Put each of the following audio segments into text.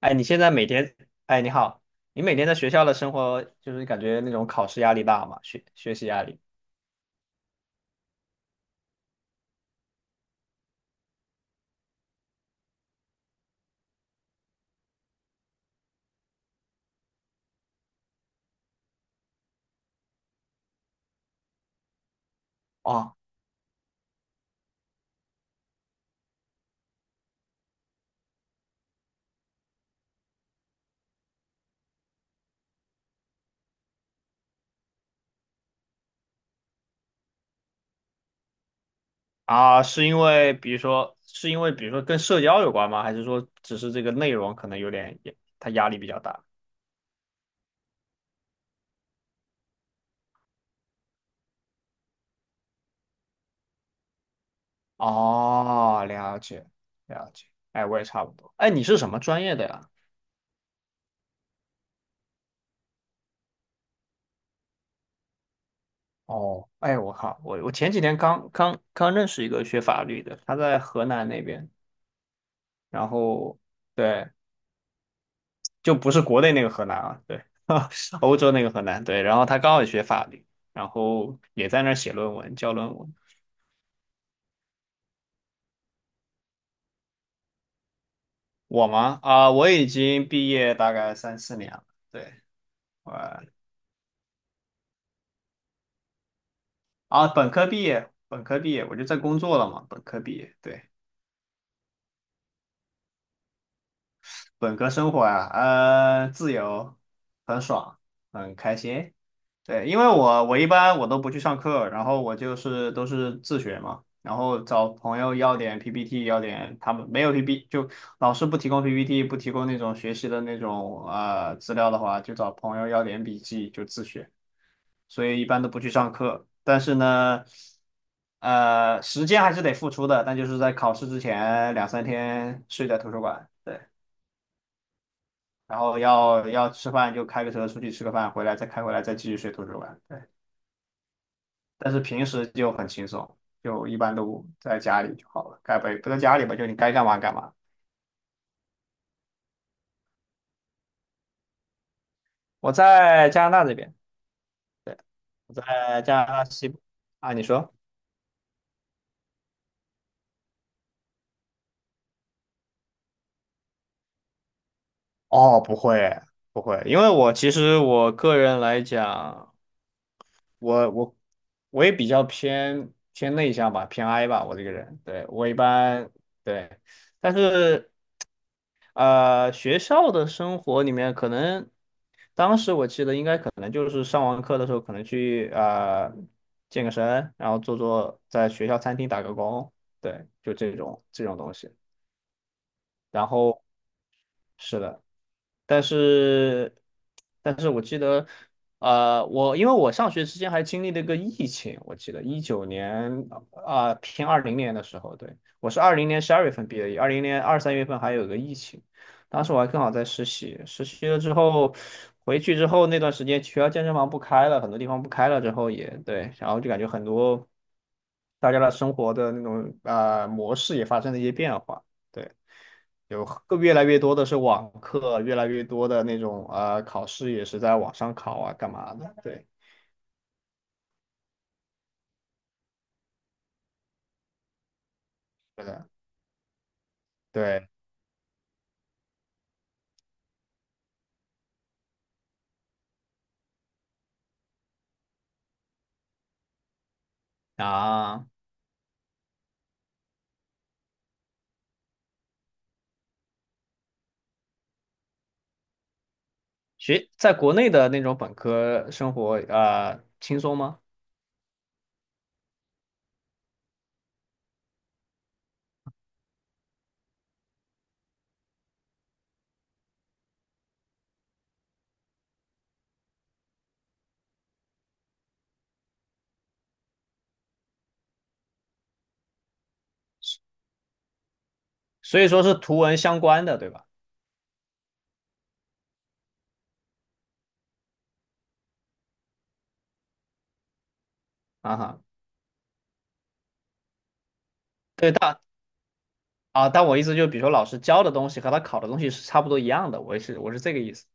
哎，你现在每天，哎，你好，你每天在学校的生活，就是感觉那种考试压力大吗？学习压力？哦啊，是因为比如说跟社交有关吗？还是说只是这个内容可能有点，也它压力比较大？哦，了解了解，哎，我也差不多。哎，你是什么专业的呀？哦，哎，我靠，我前几天刚刚认识一个学法律的，他在河南那边，然后对，就不是国内那个河南啊，对，欧洲那个河南，对。然后他刚好也学法律，然后也在那儿写论文，教论文。我吗？我已经毕业大概三四年了，对，我本科毕业，我就在工作了嘛，本科毕业，对，本科生活啊，自由，很爽，很开心。对，因为我一般我都不去上课，然后我就是都是自学嘛，然后找朋友要点 PPT，要点他们没有 PPT 就老师不提供 PPT，不提供那种学习的那种资料的话，就找朋友要点笔记就自学，所以一般都不去上课。但是呢，时间还是得付出的，但就是在考试之前两三天睡在图书馆，对，然后要吃饭就开个车出去吃个饭，回来再开回来再继续睡图书馆。对。但是平时就很轻松，就一般都在家里就好了，该不在家里吧，就你该干嘛干嘛。我在加拿大这边，对，我在加拿大西部啊，你说？哦，不会不会，因为我其实我个人来讲。我我我也比较偏内向吧，偏 I 吧，我这个人，对，我一般对，但是学校的生活里面，可能当时我记得应该可能就是上完课的时候，可能去健个身，然后在学校餐厅打个工，对，就这种东西，然后是的。但是，我记得，因为我上学期间还经历了一个疫情，我记得19年偏二零年的时候，对，我是20年12月份毕业，20年2、3月份还有个疫情，当时我还刚好在实习，实习了之后回去之后那段时间，学校健身房不开了，很多地方不开了之后也对，然后就感觉很多大家的生活的那种模式也发生了一些变化。对。有更越来越多的是网课，越来越多的那种考试也是在网上考啊，干嘛的？对，对的，对啊，在国内的那种本科生活轻松吗？所以说是图文相关的，对吧？啊哈，对，但我意思就比如说老师教的东西和他考的东西是差不多一样的，我是这个意思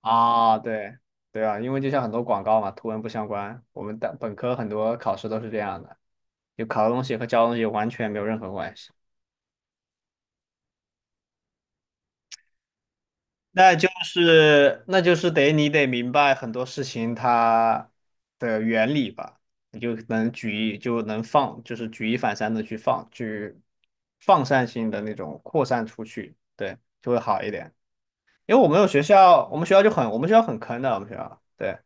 啊，对对啊，因为就像很多广告嘛，图文不相关，我们的本科很多考试都是这样的，就考的东西和教的东西完全没有任何关系。那就是得你得明白很多事情它的原理吧，你就能举一就能放，就是举一反三的去放，去放散性的那种扩散出去，对，就会好一点。因为我们学校很坑的，我们学校，对，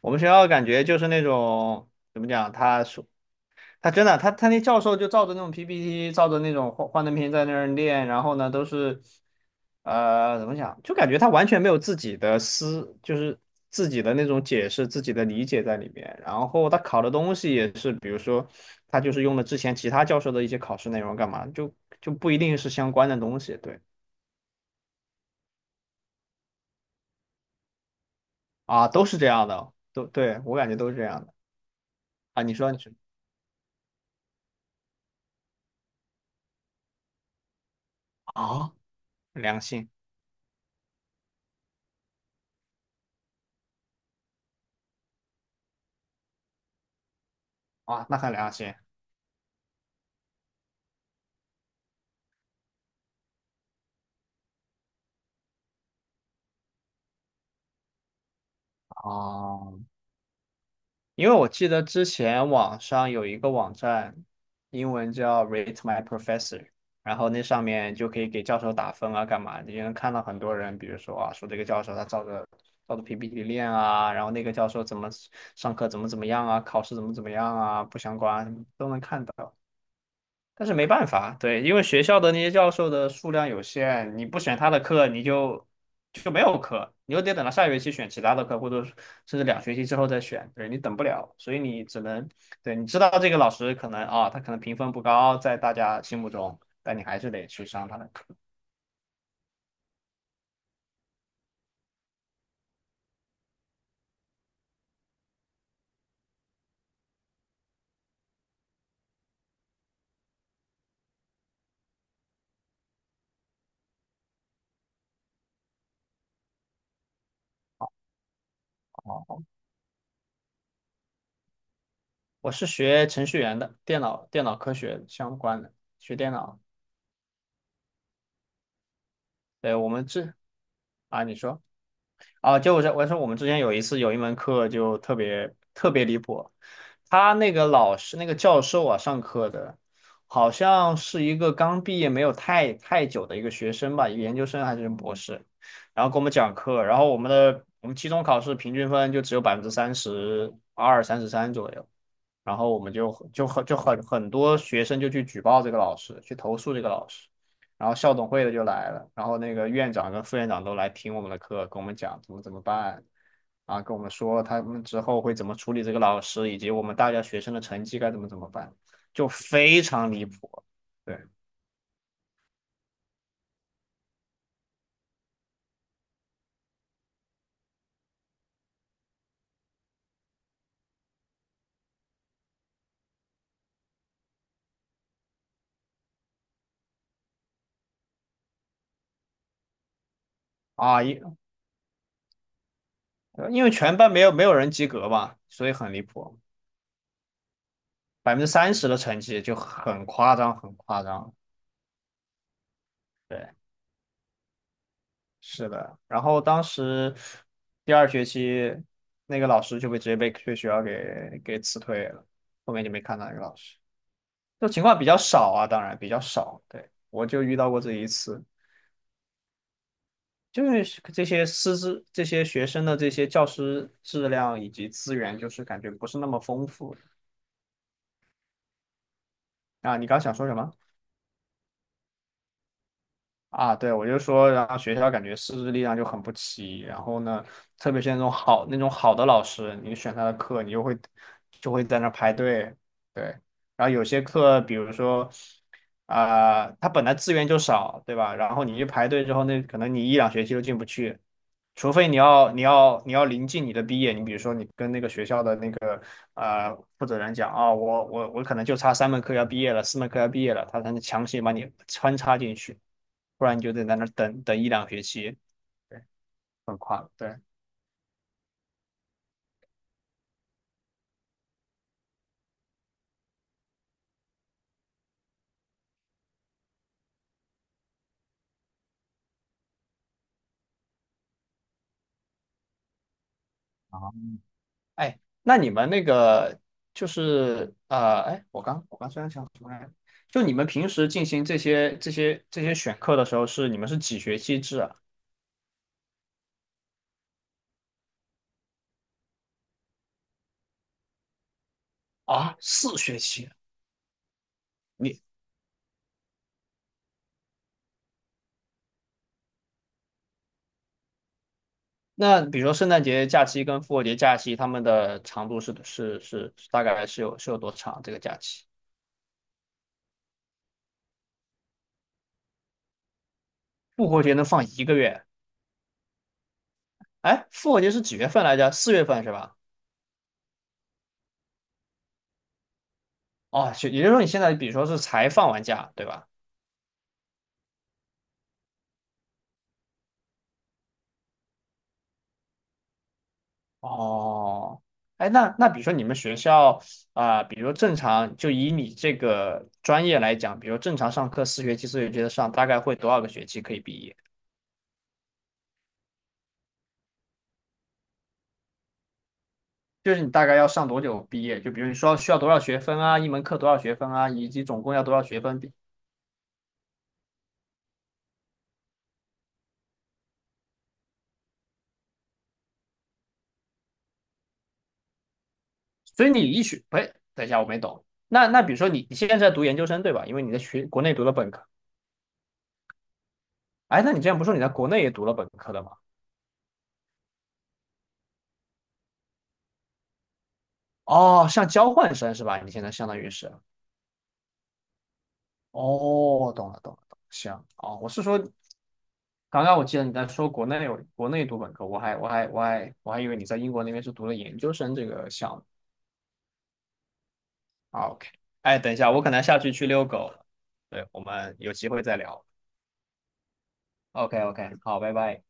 我们学校感觉就是那种怎么讲，他说。他真的，他那教授就照着那种 PPT，照着那种幻灯片在那儿练，然后呢，都是，怎么讲，就感觉他完全没有自己的思，就是自己的那种解释、自己的理解在里面。然后他考的东西也是，比如说，他就是用了之前其他教授的一些考试内容干嘛，就不一定是相关的东西。对啊，都是这样的，都对我感觉都是这样的啊。你说你说啊，良心啊，那很良心啊。因为我记得之前网上有一个网站，英文叫 Rate My Professor，然后那上面就可以给教授打分啊，干嘛的？你能看到很多人，比如说啊，说这个教授他照着 PPT 练啊，然后那个教授怎么上课怎么样啊，考试怎么样啊，不相关都能看到。但是没办法，对，因为学校的那些教授的数量有限，你不选他的课，你就没有课，你又得等到下学期选其他的课，或者是甚至两学期之后再选，对，你等不了，所以你只能，对，你知道这个老师可能啊，他可能评分不高，在大家心目中，但你还是得去上他的课。哦，我是学程序员的，电脑科学相关的，学电脑。对，我们这啊，你说。啊，就我说我们之前有一次有一门课就特别特别离谱，他那个老师那个教授啊上课的，好像是一个刚毕业没有太久的一个学生吧，研究生还是博士，然后给我们讲课，然后我们期中考试平均分就只有32%、33%左右，然后我们就就很就很很多学生就去举报这个老师，去投诉这个老师，然后校董会的就来了，然后那个院长跟副院长都来听我们的课，跟我们讲怎么怎么办，啊，跟我们说他们之后会怎么处理这个老师，以及我们大家学生的成绩该怎么怎么办，就非常离谱，对啊，因为全班没有人及格嘛，所以很离谱，百分之三十的成绩就很夸张，很夸张，对。是的，然后当时第二学期那个老师就被直接被学校给辞退了，后面就没看到那个老师。这种情况比较少啊，当然比较少。对，我就遇到过这一次，就是这些师资、这些学生的这些教师质量以及资源，就是感觉不是那么丰富啊。你刚想说什么？啊，对，我就说，然后学校感觉师资力量就很不齐，然后呢，特别是那种好的老师，你选他的课，你就会在那排队，对，然后有些课，比如说，他本来资源就少，对吧？然后你去排队之后，那可能你一两学期都进不去，除非你要临近你的毕业，你比如说你跟那个学校的那个负责人讲我可能就差3门课要毕业了，4门课要毕业了，他才能强行把你穿插进去。不然你就得在那儿等等一两个学期，对，很快了。对，啊，哎，那你们那个就是哎，我刚虽然想什么来着，就你们平时进行这些选课的时候你们是几学期制啊？啊，四学期。你那比如说圣诞节假期跟复活节假期，他们的长度是大概是有多长？这个假期复活节能放一个月？哎，复活节是几月份来着？4月份是吧？哦，就也就是说你现在比如说是才放完假，对吧？哦，哎，那比如说你们学校比如正常就以你这个专业来讲，比如正常上课四学期四学期的上，大概会多少个学期可以毕业？就是你大概要上多久毕业？就比如你说需要多少学分啊，一门课多少学分啊，以及总共要多少学分比？所以你一学，哎，等一下，我没懂。那比如说你现在在读研究生对吧？因为你在国内读了本科，哎，那你之前不是说你在国内也读了本科的吗？哦，像交换生是吧？你现在相当于是。哦，懂了懂了懂了，行哦，我是说，刚刚我记得你在说国内读本科，我还以为你在英国那边是读了研究生这个项目啊，OK，哎，等一下，我可能下去遛狗了，对，我们有机会再聊，OK OK，好，拜拜。